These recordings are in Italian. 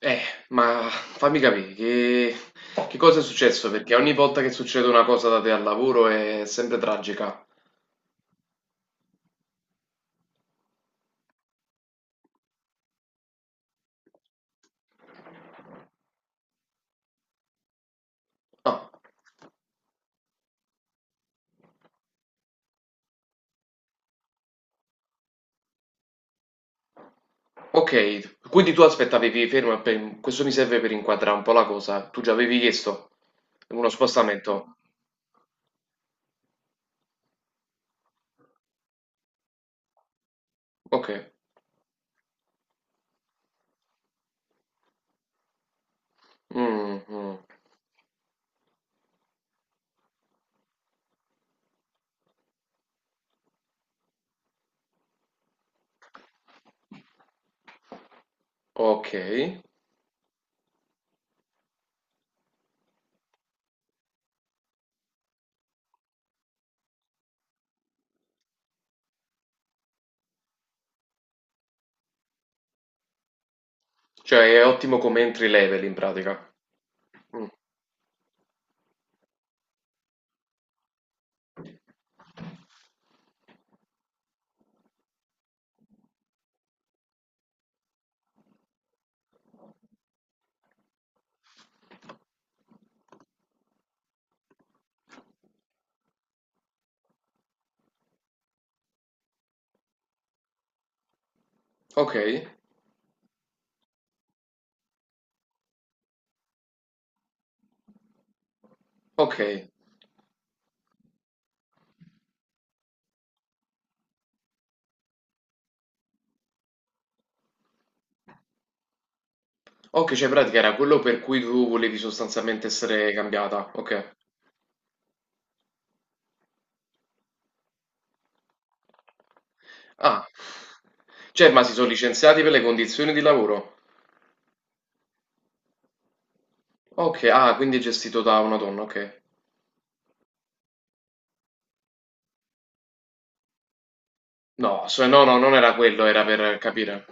Eh, ma fammi capire, che cosa è successo? Perché ogni volta che succede una cosa da te al lavoro è sempre tragica. Ah, ok, quindi tu aspettavi, fermo, questo mi serve per inquadrare un po' la cosa. Tu già avevi chiesto uno spostamento. Ok. Mm, mm. Ok, cioè è ottimo come entry level in pratica. Mm. Ok, ok, ok, cioè in pratica era quello per cui tu volevi sostanzialmente essere cambiata. Ok. Ah, cioè, ma si sono licenziati per le condizioni di lavoro? Ok, ah, quindi è gestito da una donna, ok. No, no, no, non era quello, era per capire.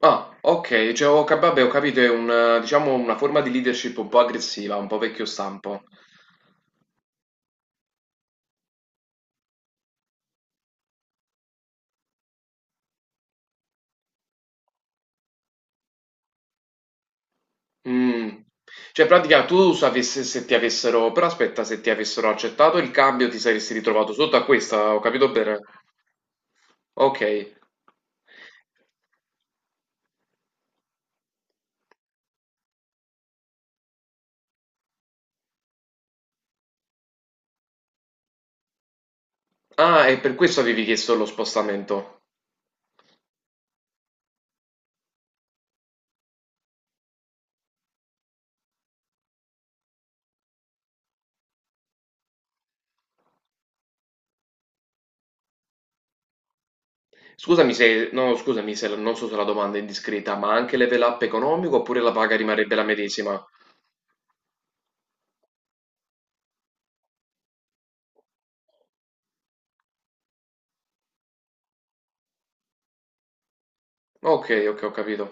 Ah, ok, cioè, vabbè, ho capito, è un, diciamo, una forma di leadership un po' aggressiva, un po' vecchio stampo. Mm. Cioè, in pratica, tu sapessi se ti avessero, però aspetta, se ti avessero accettato il cambio, ti saresti ritrovato sotto a questa, ho capito bene? Ok. Ah, e per questo avevi chiesto lo spostamento. Scusami se non so se la domanda è indiscreta, ma anche level up economico oppure la paga rimarrebbe la medesima? Ok, ok, ho capito.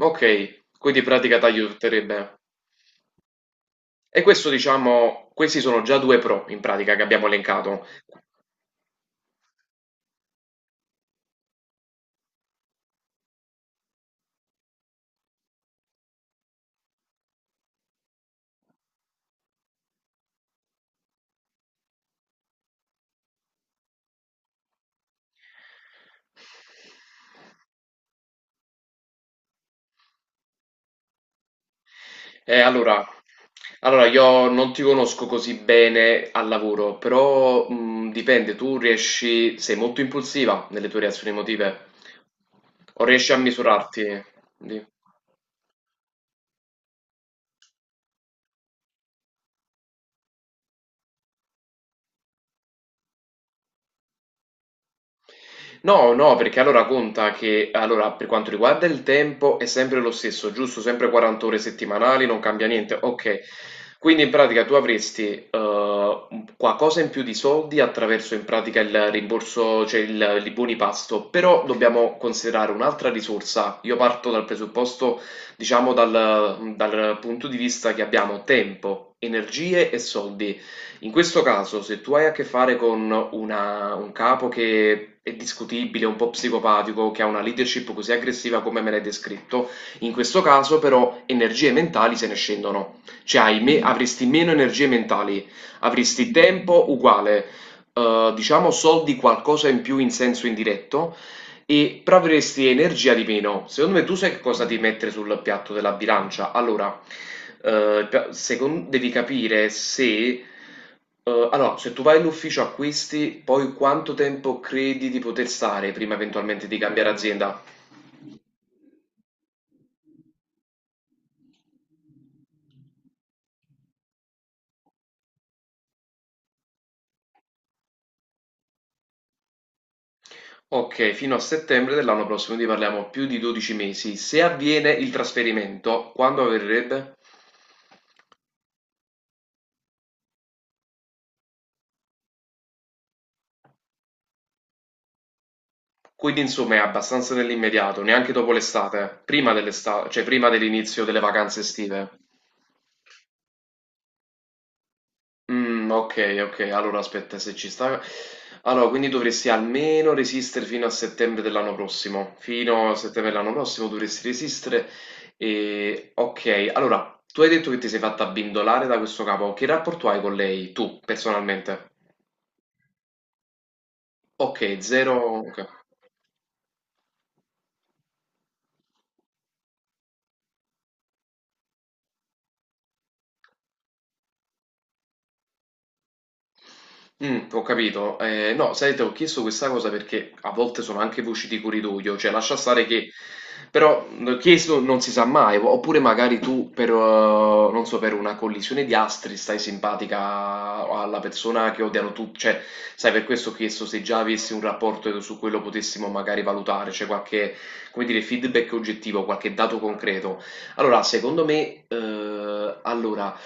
Ok, quindi in pratica t'aiuterebbe. E questo diciamo, questi sono già due pro in pratica che abbiamo elencato. Eh, allora, allora, io non ti conosco così bene al lavoro, però dipende, tu riesci, sei molto impulsiva nelle tue reazioni emotive o riesci a misurarti? Di- No, no, perché allora conta che, allora, per quanto riguarda il tempo è sempre lo stesso, giusto? Sempre 40 ore settimanali, non cambia niente. Ok, quindi in pratica tu avresti qualcosa in più di soldi attraverso in pratica il rimborso, i buoni pasto, però dobbiamo considerare un'altra risorsa. Io parto dal presupposto, diciamo, dal punto di vista che abbiamo tempo, energie e soldi. In questo caso, se tu hai a che fare con un capo che è discutibile, un po' psicopatico, che ha una leadership così aggressiva come me l'hai descritto, in questo caso però energie mentali se ne scendono. Mm. Avresti meno energie mentali, avresti tempo uguale, diciamo soldi qualcosa in più in senso indiretto, e proveresti energia di meno. Secondo me tu sai che cosa devi mettere sul piatto della bilancia. Allora, eh, devi capire se... se tu vai in ufficio acquisti, poi quanto tempo credi di poter stare prima eventualmente di cambiare azienda? Ok, fino a settembre dell'anno prossimo, quindi parliamo più di 12 mesi. Se avviene il trasferimento, quando avverrebbe? Quindi insomma è abbastanza nell'immediato, neanche dopo l'estate, prima dell'estate, cioè prima dell'inizio delle vacanze estive. Mhmm, okay, okay. Allora aspetta, se ci sta quindi dovresti almeno resistere fino a settembre dell'anno prossimo. Fino a settembre dell'anno prossimo dovresti resistere, okay. Allora, tu hai detto che ti sei fatta abbindolare da questo capo. Che rapporto hai con lei, tu personalmente? Okay, 0, okay. Mm, ho capito. No, sai, ti ho chiesto questa cosa perché a volte sono anche voci di corridoio, cioè lascia stare che... Però chiesto non si sa mai, oppure magari tu per, non so, per una collisione di astri stai simpatica alla persona che odiano tutti, cioè sai, per questo ho chiesto se già avessi un rapporto e su quello potessimo magari valutare, cioè qualche, come dire, feedback oggettivo, qualche dato concreto. Allora, secondo me allora,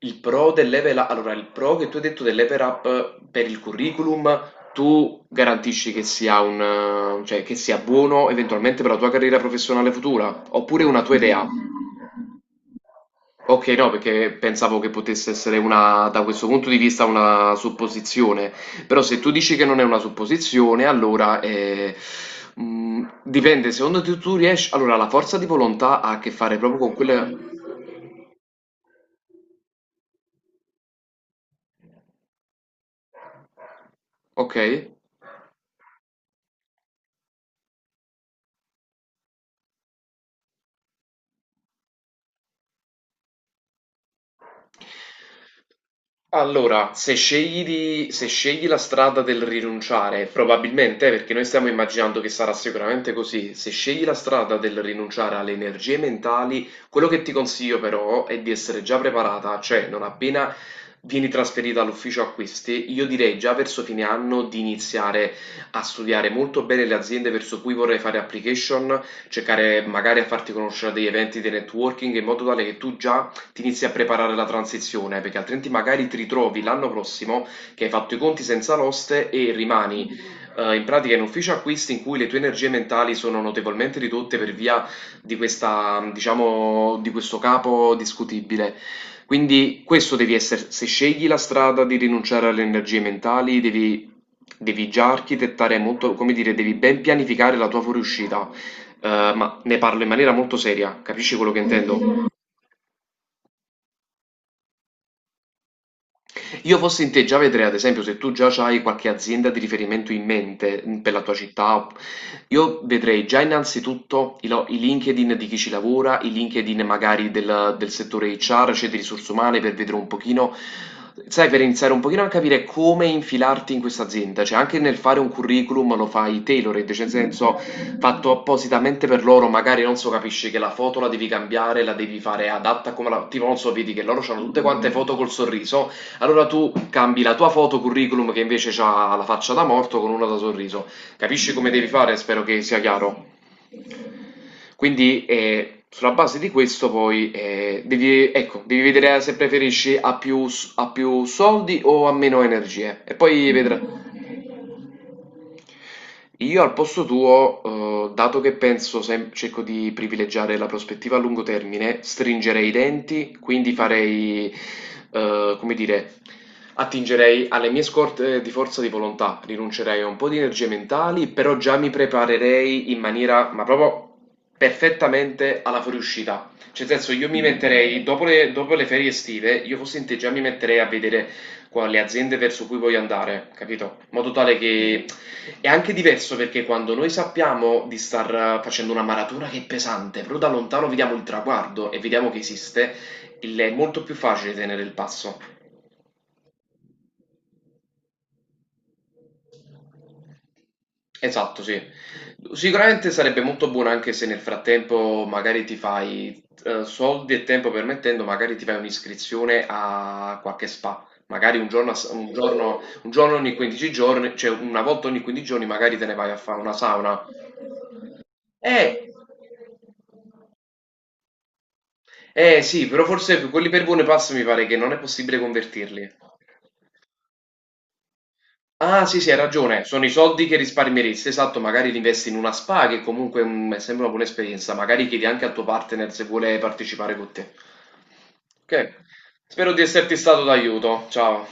il pro del level up, allora, il pro che tu hai detto del level up per il curriculum, tu garantisci che sia un, che sia buono eventualmente per la tua carriera professionale futura, oppure una tua idea? Ok, no, perché pensavo che potesse essere una, da questo punto di vista, una supposizione. Però se tu dici che non è una supposizione, allora dipende, secondo te tu riesci... Allora, la forza di volontà ha a che fare proprio con quelle... Ok? Allora, se scegli la strada del rinunciare, probabilmente, perché noi stiamo immaginando che sarà sicuramente così, se scegli la strada del rinunciare alle energie mentali, quello che ti consiglio però è di essere già preparata, cioè non appena vieni trasferita all'ufficio acquisti, io direi già verso fine anno di iniziare a studiare molto bene le aziende verso cui vorrei fare application, cercare magari a farti conoscere degli eventi di networking in modo tale che tu già ti inizi a preparare la transizione, perché altrimenti magari ti ritrovi l'anno prossimo che hai fatto i conti senza l'oste e rimani in pratica in ufficio acquisti in cui le tue energie mentali sono notevolmente ridotte per via di questa, diciamo, di questo capo discutibile. Quindi questo devi essere, se scegli la strada di rinunciare alle energie mentali, devi già architettare molto, come dire, devi ben pianificare la tua fuoriuscita. Ma ne parlo in maniera molto seria, capisci quello che intendo? Io fossi in te già vedrei, ad esempio, se tu già hai qualche azienda di riferimento in mente mm, per la tua città, io vedrei già innanzitutto i LinkedIn di chi ci lavora, i LinkedIn magari del settore HR, cioè di risorse umane, per vedere un pochino, sai, per iniziare un pochino a capire come infilarti in questa azienda, cioè anche nel fare un curriculum lo fai tailored, cioè nel senso fatto appositamente per loro, magari non so, capisci che la foto la devi cambiare, la devi fare adatta come la... tipo non so, vedi che loro hanno tutte quante foto col sorriso, allora tu cambi la tua foto curriculum che invece ha la faccia da morto con una da sorriso. Capisci come devi fare? Spero che sia chiaro. Quindi sulla base di questo poi devi, ecco, devi vedere se preferisci a più soldi o a meno energie e poi vedrai. Io al posto tuo, dato che penso, cerco di privilegiare la prospettiva a lungo termine, stringerei i denti, quindi farei, come dire, attingerei alle mie scorte di forza di volontà, rinuncerei a un po' di energie mentali, però già mi preparerei in maniera, ma proprio perfettamente alla fuoriuscita. Cioè, nel senso, io mi metterei, dopo le ferie estive, io fossi in te già mi metterei a vedere le aziende verso cui voglio andare, capito? In modo tale che è anche diverso perché quando noi sappiamo di star facendo una maratona che è pesante, però da lontano vediamo il traguardo e vediamo che esiste, è molto più facile tenere il passo. Esatto, sì. Sicuramente sarebbe molto buono anche se nel frattempo magari ti fai, soldi e tempo permettendo, magari ti fai un'iscrizione a qualche spa. Magari un giorno, un giorno ogni 15 giorni, cioè una volta ogni 15 giorni magari te ne vai a fare una sauna. Eh, eh sì, però forse quelli per buone passo mi pare che non è possibile convertirli. Ah sì, sì, hai ragione, sono i soldi che risparmieresti, esatto, magari li investi in una spa che comunque mm, è sempre una buona esperienza, magari chiedi anche al tuo partner se vuole partecipare con te. Ok, spero di esserti stato d'aiuto, ciao.